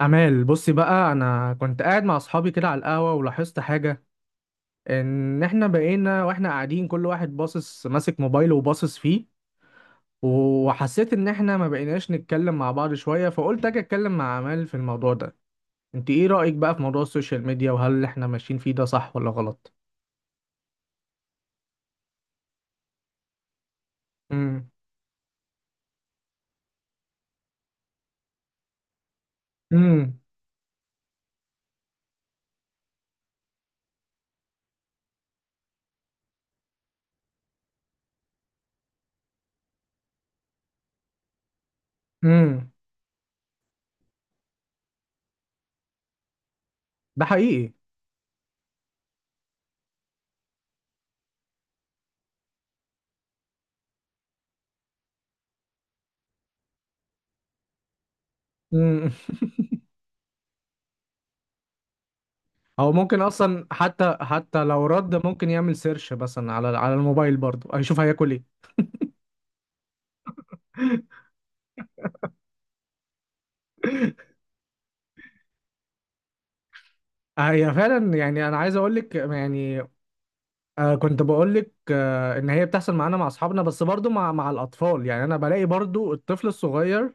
أمال، بصي بقى، أنا كنت قاعد مع أصحابي كده على القهوة ولاحظت حاجة. إن إحنا بقينا وإحنا قاعدين كل واحد باصص ماسك موبايله وباصص فيه، وحسيت إن إحنا ما بقيناش نتكلم مع بعض شوية، فقلت أجي أتكلم مع أمال في الموضوع ده. أنت إيه رأيك بقى في موضوع السوشيال ميديا، وهل إحنا ماشيين فيه ده صح ولا غلط؟ امم. امم. امم. ده حقيقي. امم. هو ممكن أصلا، حتى لو رد ممكن يعمل سيرش مثلا على الموبايل، برضه هيشوف هياكل إيه. هي فعلا، يعني انا عايز اقول لك يعني. كنت بقول لك ان هي بتحصل معانا مع اصحابنا، بس برضو مع الاطفال. يعني انا بلاقي برضو الطفل الصغير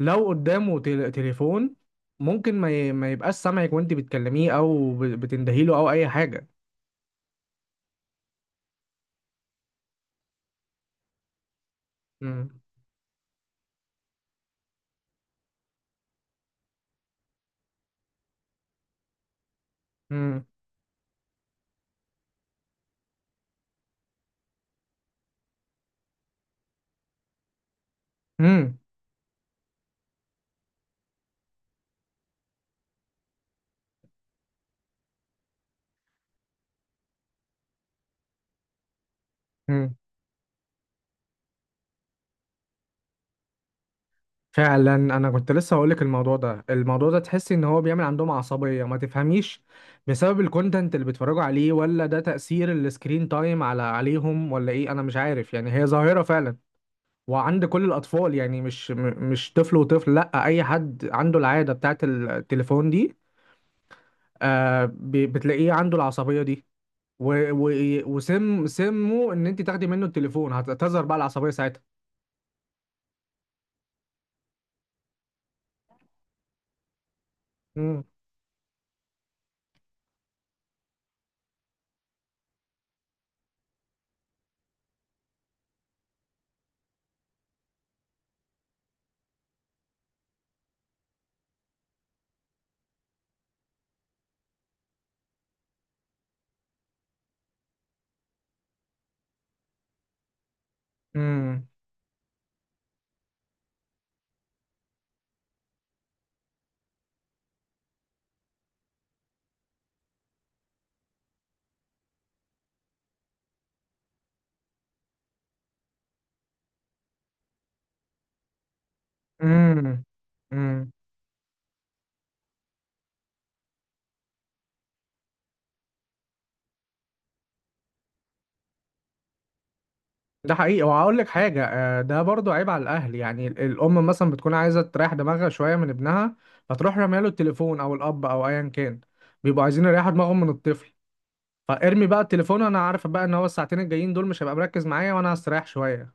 لو قدامه تليفون ممكن ما يبقاش سامعك وانت بتكلميه، او بتندهيله او اي حاجه. امم. امم. فعلا انا كنت لسه هقول لك، الموضوع ده تحسي ان هو بيعمل عندهم عصبيه ما تفهميش بسبب الكونتنت اللي بيتفرجوا عليه، ولا ده تاثير السكرين تايم عليهم، ولا ايه؟ انا مش عارف. يعني هي ظاهره فعلا، وعند كل الاطفال، يعني مش طفل وطفل، لا اي حد عنده العاده بتاعه التليفون دي، بتلاقيه عنده العصبيه دي. و- و- وسم سمه ان انت تاخدي منه التليفون هتظهر بقى العصبيه ساعتها. امم. امم. امم. ده حقيقي، وهقول لك حاجة، ده برضو عيب على الأهل. يعني الأم مثلا بتكون عايزة تريح دماغها شوية من ابنها، فتروح رامية له التليفون، أو الأب أو أيا كان. بيبقوا عايزين يريحوا دماغهم من الطفل، فارمي بقى التليفون. أنا عارفة بقى إن هو الساعتين الجايين دول مش هيبقى مركز معايا وأنا هستريح شوية.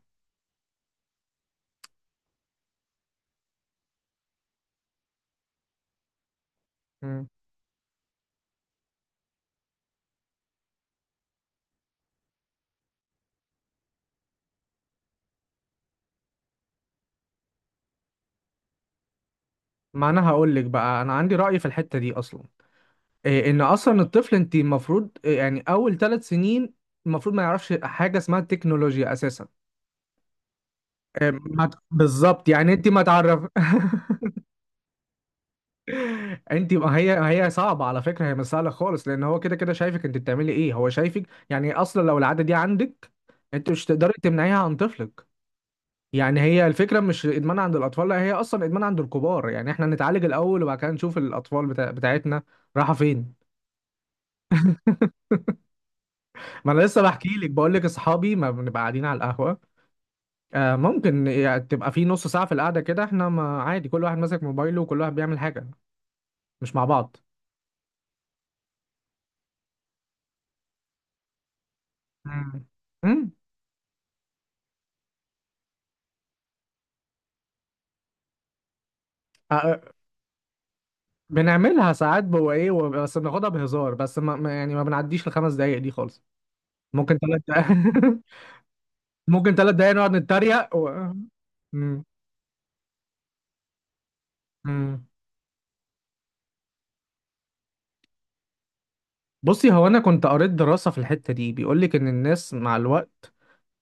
مم. ما أنا هقول لك بقى، أنا عندي رأي في الحتة دي أصلا. إيه، إن أصلا الطفل أنت المفروض إيه، يعني أول ثلاث سنين المفروض ما يعرفش حاجة اسمها التكنولوجيا أساسا. إيه، ما ت- بالظبط، يعني أنت ما تعرف. انت، ما هي صعبه على فكره، هي مش سهله خالص، لان هو كده كده شايفك انت بتعملي ايه. هو شايفك، يعني اصلا لو العاده دي عندك انت مش تقدري تمنعيها عن طفلك. يعني هي الفكره مش ادمان عند الاطفال، لا هي اصلا ادمان عند الكبار. يعني احنا نتعالج الاول وبعد كده نشوف الاطفال بتاعتنا. راحه فين؟ ما انا لسه بحكي لك بقول لك اصحابي ما بنبقى قاعدين على القهوه. آه ممكن يعني تبقى في نص ساعه في القعده، كده احنا، ما عادي كل واحد ماسك موبايله وكل واحد بيعمل حاجه، مش مع بعض. مم. مم. بنعملها ساعات بو ايه بس بناخدها بهزار، بس يعني ما بنعديش الخمس دقايق دي خالص. ممكن ثلاث دقايق. ممكن ثلاث دقايق نقعد نتريق. مم. مم. بصي، هو انا كنت قريت دراسة في الحتة دي، بيقول لك ان الناس مع الوقت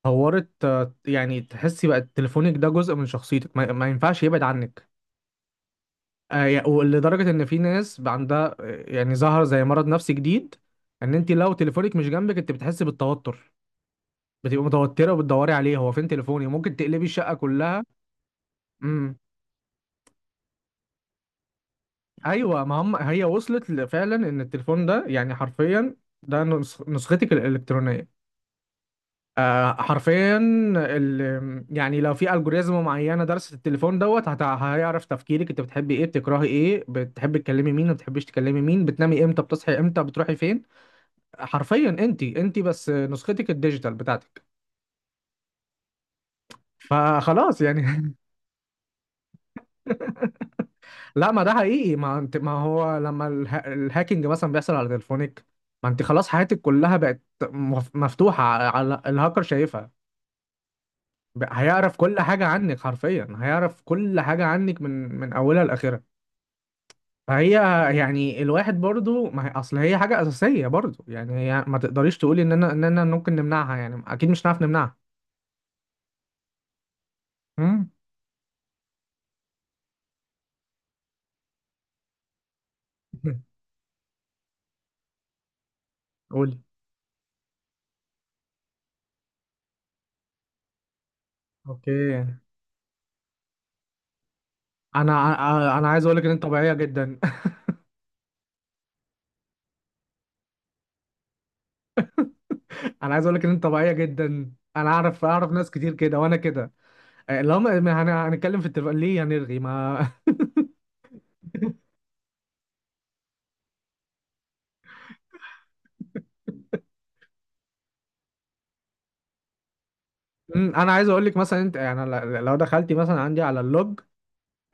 طورت، يعني تحسي بقى تليفونك ده جزء من شخصيتك، ما ينفعش يبعد عنك. ولدرجة ان في ناس بقى عندها، يعني، ظهر زي مرض نفسي جديد، ان انت لو تليفونك مش جنبك انت بتحسي بالتوتر، بتبقى متوتره وبتدوري عليه، هو فين تليفوني؟ ممكن تقلبي الشقه كلها. امم. ايوه ما هم، هي وصلت فعلا ان التليفون ده يعني حرفيا ده نسختك الالكترونيه. آه حرفيا. يعني لو في الجوريزم معينه درست التليفون، دوت هيعرف تفكيرك، انت بتحبي ايه، بتكرهي ايه، بتحبي تكلمي مين، ما بتحبيش تكلمي مين، بتنامي امتى، بتصحي امتى، بتروحي فين. حرفيا انت بس نسختك الديجيتال بتاعتك. فخلاص يعني. لا، ما ده حقيقي، ما انت، ما هو لما الهاكينج مثلا بيحصل على تليفونك، ما انت خلاص حياتك كلها بقت مفتوحة على الهاكر شايفها. هيعرف كل حاجة عنك، حرفيا هيعرف كل حاجة عنك من أولها لآخرها. فهي، يعني الواحد برضو، ما هي اصل هي حاجة أساسية برضو. يعني هي ما تقدريش تقولي ان انا، ممكن نمنعها، يعني اكيد مش هنعرف نمنعها. امم. قولي. اوكي. انا انا أنا عايز اقول لك ان انت طبيعية جدا. انا عايز اقول لك ان انت طبيعيه جدا، انا اعرف ناس كتير كده، وانا كده. لو ما ما هن- هنتكلم في التليفون ليه هنرغي ما؟ انا عايز اقول لك مثلا، انت يعني لو دخلتي مثلا عندي على اللوج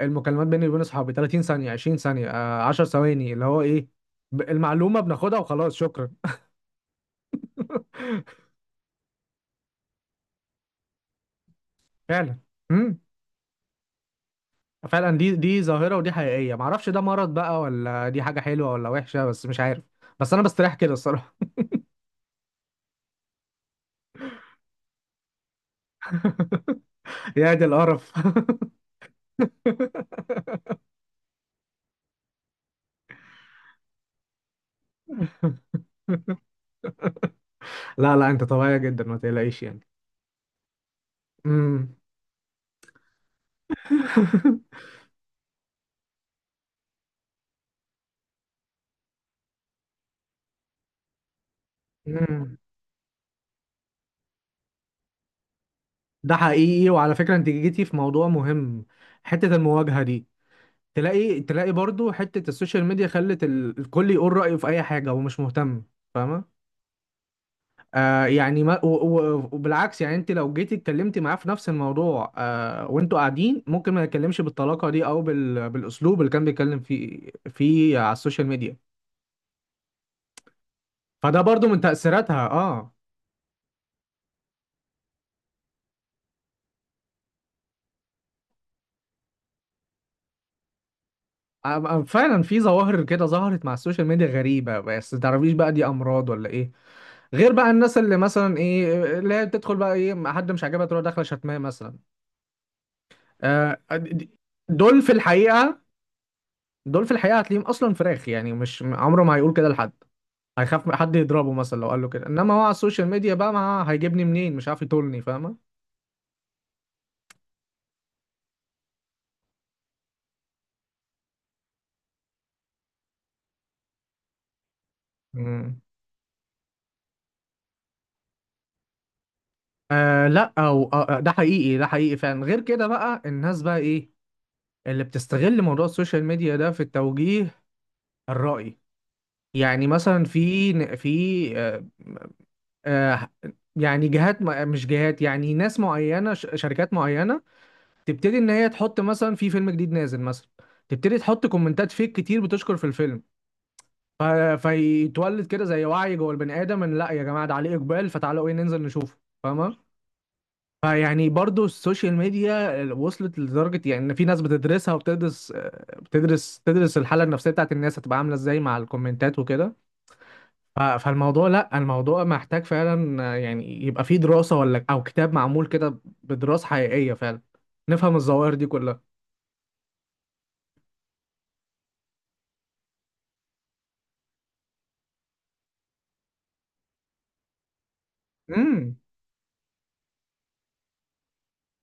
المكالمات بيني وبين اصحابي 30 ثانيه، 20 ثانيه، 10 ثواني، اللي هو ايه المعلومه بناخدها وخلاص شكرا. فعلا. امم. فعلا، دي ظاهره، ودي حقيقيه، ما اعرفش ده مرض بقى ولا دي حاجه حلوه ولا وحشه، بس مش عارف. بس انا بستريح كده الصراحه. يا دي القرف. لا لا، انت طبيعية جدا، ما تقلقيش يعني. امم. امم. ده حقيقي، وعلى فكرة انت جيتي في موضوع مهم، حتة المواجهة دي. تلاقي برضو حتة السوشيال ميديا خلت الكل يقول رأيه في اي حاجة ومش مهتم. فاهمة؟ آه يعني، ما و- و- وبالعكس، يعني انت لو جيتي اتكلمتي معاه في نفس الموضوع، آه وانتوا قاعدين ممكن ما يتكلمش بالطلاقة دي او بالاسلوب اللي كان بيتكلم فيه على السوشيال ميديا. فده برضو من تأثيراتها، اه. فعلا في ظواهر كده ظهرت مع السوشيال ميديا غريبة، بس متعرفيش بقى دي أمراض ولا إيه. غير بقى الناس اللي مثلا إيه، اللي هي بتدخل بقى إيه، ما حد مش عاجبها تروح داخلة شتماه مثلا. آه د- د- دول في الحقيقة، دول في الحقيقة هتلاقيهم أصلا فراخ، يعني مش عمره ما هيقول كده لحد، هيخاف من حد يضربه مثلا لو قال له كده. إنما هو على السوشيال ميديا بقى، ما هيجيبني منين، مش عارف يطولني. فاهمة؟ مم. لا، أو ده حقيقي، ده حقيقي فعلا. غير كده بقى الناس بقى إيه، اللي بتستغل موضوع السوشيال ميديا ده في التوجيه، الرأي. يعني مثلا، في في آه، آه، يعني جهات، مش جهات، يعني ناس معينة، شركات معينة تبتدي إن هي تحط مثلا في فيلم جديد نازل مثلا، تبتدي تحط كومنتات فيك كتير بتشكر في الفيلم. ف- فيتولد كده زي وعي جوه البني آدم، إن لا يا جماعة ده عليه إقبال، فتعالوا إيه ننزل نشوفه. فاهمة؟ فيعني برضو السوشيال ميديا وصلت لدرجة، يعني إن في ناس بتدرسها وبتدرس، تدرس الحالة النفسية بتاعت الناس هتبقى عاملة إزاي مع الكومنتات وكده. فالموضوع، لا الموضوع محتاج فعلا، يعني، يبقى فيه دراسة ولا او كتاب معمول كده بدراسة حقيقية فعلا، نفهم الظواهر دي كلها. امم.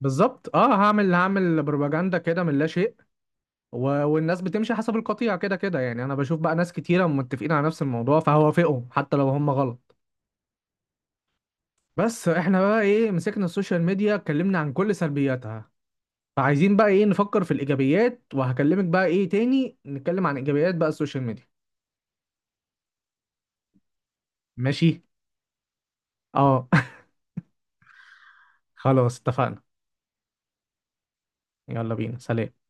بالظبط، اه، هعمل بروباجندا كده من لا شيء و... والناس بتمشي حسب القطيع، كده كده يعني انا بشوف بقى ناس كتيرة متفقين على نفس الموضوع فهوافقهم حتى لو هم غلط. بس احنا بقى ايه، مسكنا السوشيال ميديا اتكلمنا عن كل سلبياتها، فعايزين بقى ايه نفكر في الايجابيات، وهكلمك بقى ايه تاني نتكلم عن ايجابيات بقى السوشيال ميديا. ماشي. اه خلاص اتفقنا. يلا بينا، سلام.